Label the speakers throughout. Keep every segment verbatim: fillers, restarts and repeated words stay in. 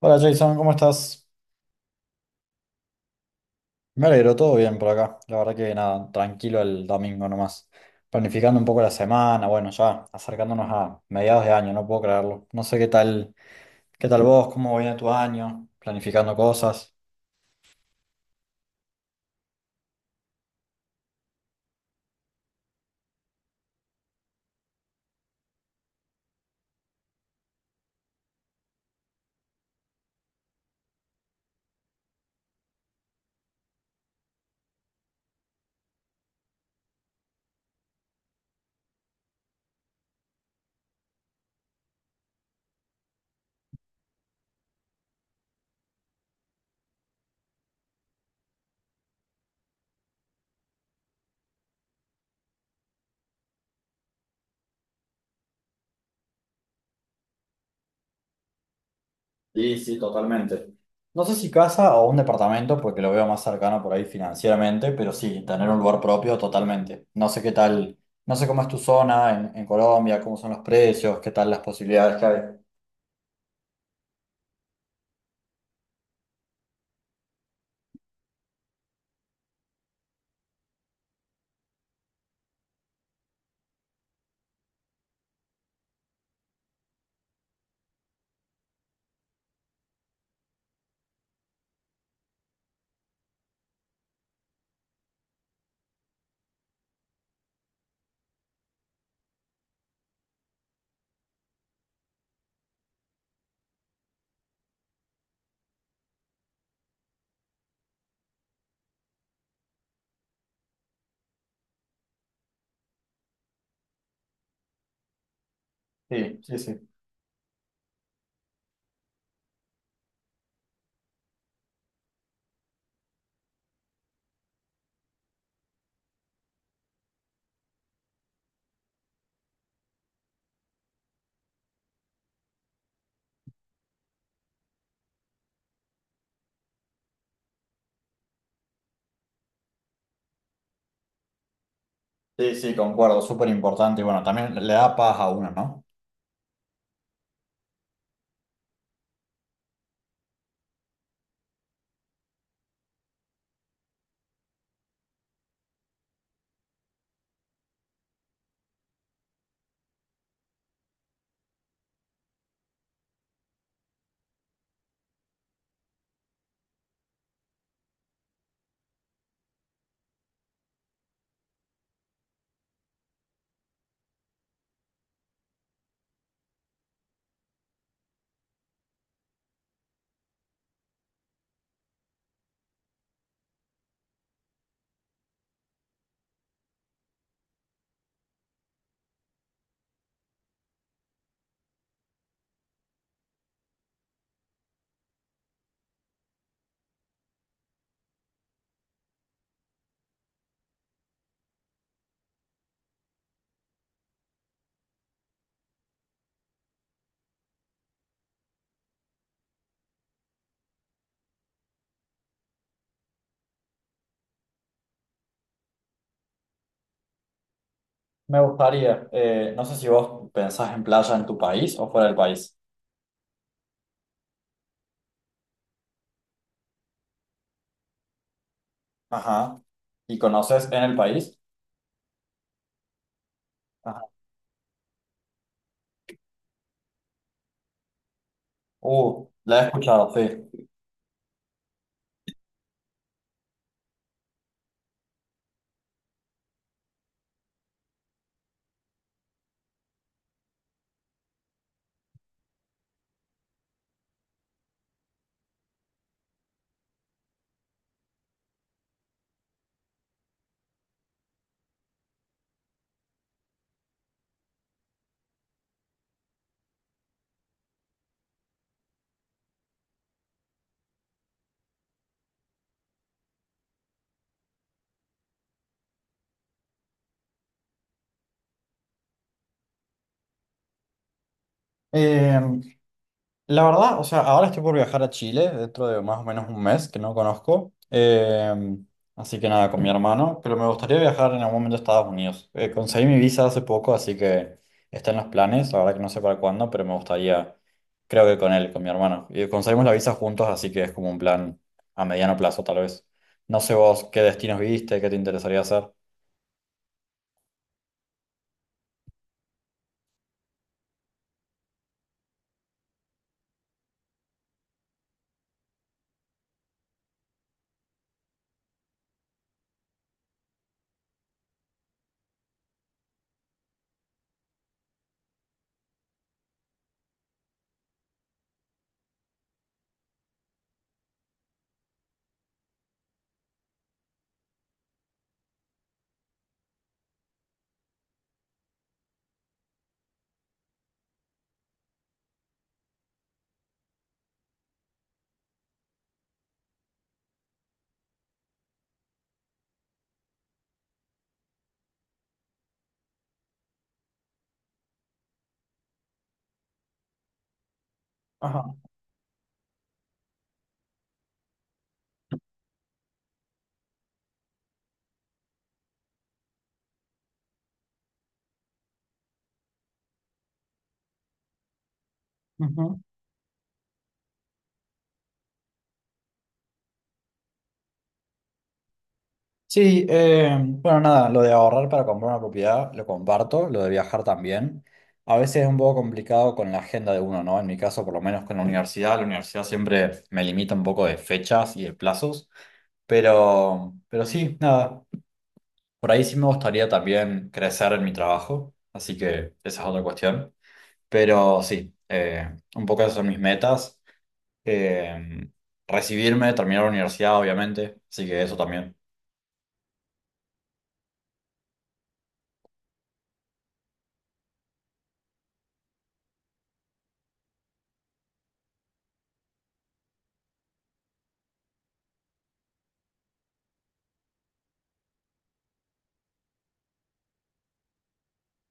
Speaker 1: Hola Jason, ¿cómo estás? Me alegro, todo bien por acá. La verdad que nada, tranquilo el domingo nomás. Planificando un poco la semana, bueno, ya acercándonos a mediados de año, no puedo creerlo. No sé qué tal, qué tal vos, cómo viene tu año, planificando cosas. Sí, sí, totalmente. No sé si casa o un departamento, porque lo veo más cercano por ahí financieramente, pero sí, tener un lugar propio totalmente. No sé qué tal, no sé cómo es tu zona en, en Colombia, cómo son los precios, qué tal las posibilidades que hay. Sí, sí, sí. Sí, sí, concuerdo, súper importante. Y bueno, también le da paz a uno, ¿no? Me gustaría, eh, no sé si vos pensás en playa en tu país o fuera del país. Ajá. ¿Y conoces en el país? Ajá. Uh, la he escuchado, sí. Eh, La verdad, o sea, ahora estoy por viajar a Chile dentro de más o menos un mes que no conozco. Eh, así que nada, con mi hermano. Pero me gustaría viajar en algún momento a Estados Unidos. Eh, conseguí mi visa hace poco, así que está en los planes. La verdad que no sé para cuándo, pero me gustaría, creo que con él, con mi hermano. Y conseguimos la visa juntos, así que es como un plan a mediano plazo, tal vez. No sé vos qué destinos viste, qué te interesaría hacer. Ajá. Sí, eh, bueno, nada, lo de ahorrar para comprar una propiedad lo comparto, lo de viajar también. A veces es un poco complicado con la agenda de uno, ¿no? En mi caso, por lo menos con la universidad, la universidad siempre me limita un poco de fechas y de plazos, pero, pero sí, nada, por ahí sí me gustaría también crecer en mi trabajo, así que esa es otra cuestión. Pero sí, eh, un poco esas son mis metas. Eh, Recibirme, terminar la universidad, obviamente, así que eso también.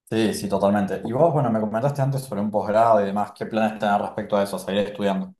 Speaker 1: Sí, sí, totalmente. Y vos, bueno, me comentaste antes sobre un posgrado y demás, ¿qué planes tenés respecto a eso, seguir estudiando?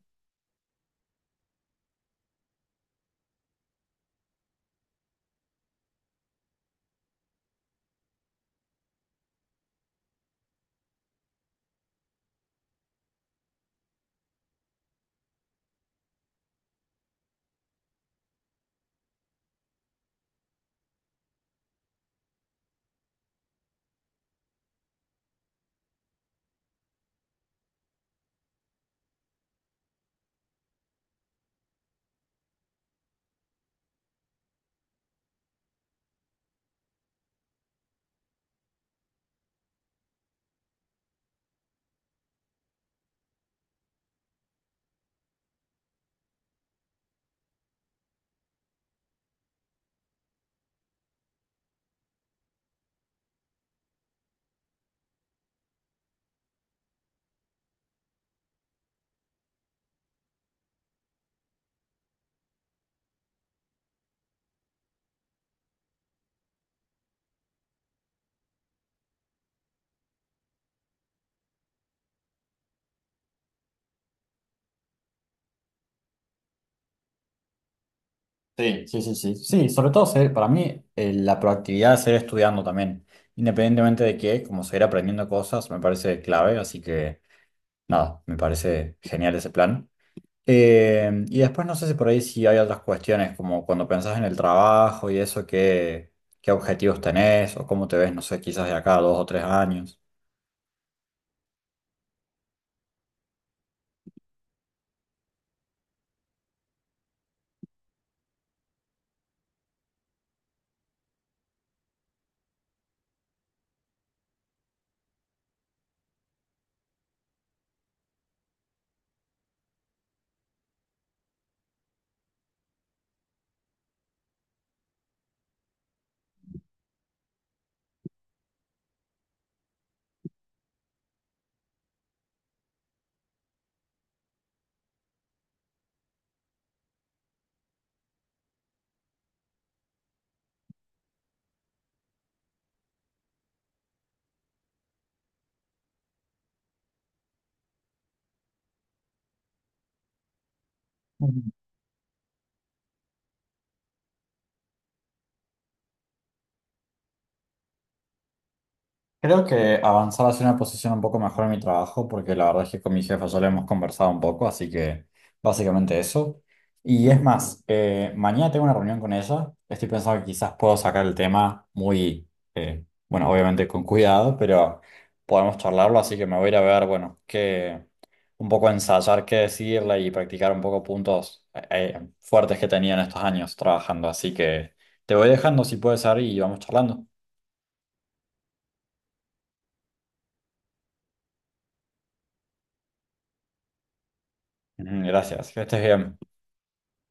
Speaker 1: Sí, sí, sí, sí. Sí, sobre todo seguir, para mí eh, la proactividad de seguir estudiando también, independientemente de qué, como seguir aprendiendo cosas, me parece clave, así que nada, me parece genial ese plan. Eh, y después no sé si por ahí si hay otras cuestiones, como cuando pensás en el trabajo y eso, qué, qué objetivos tenés o cómo te ves, no sé, quizás de acá a dos o tres años. Creo que avanzar hacia una posición un poco mejor en mi trabajo, porque la verdad es que con mi jefa ya lo hemos conversado un poco, así que básicamente eso. Y es más, eh, mañana tengo una reunión con ella. Estoy pensando que quizás puedo sacar el tema muy, eh, bueno, obviamente con cuidado, pero podemos charlarlo, así que me voy a ir a ver, bueno, que un poco ensayar qué decirle y practicar un poco puntos eh, eh, fuertes que he tenido en estos años trabajando. Así que te voy dejando si puede ser y vamos charlando. Ujú, gracias, que estés bien.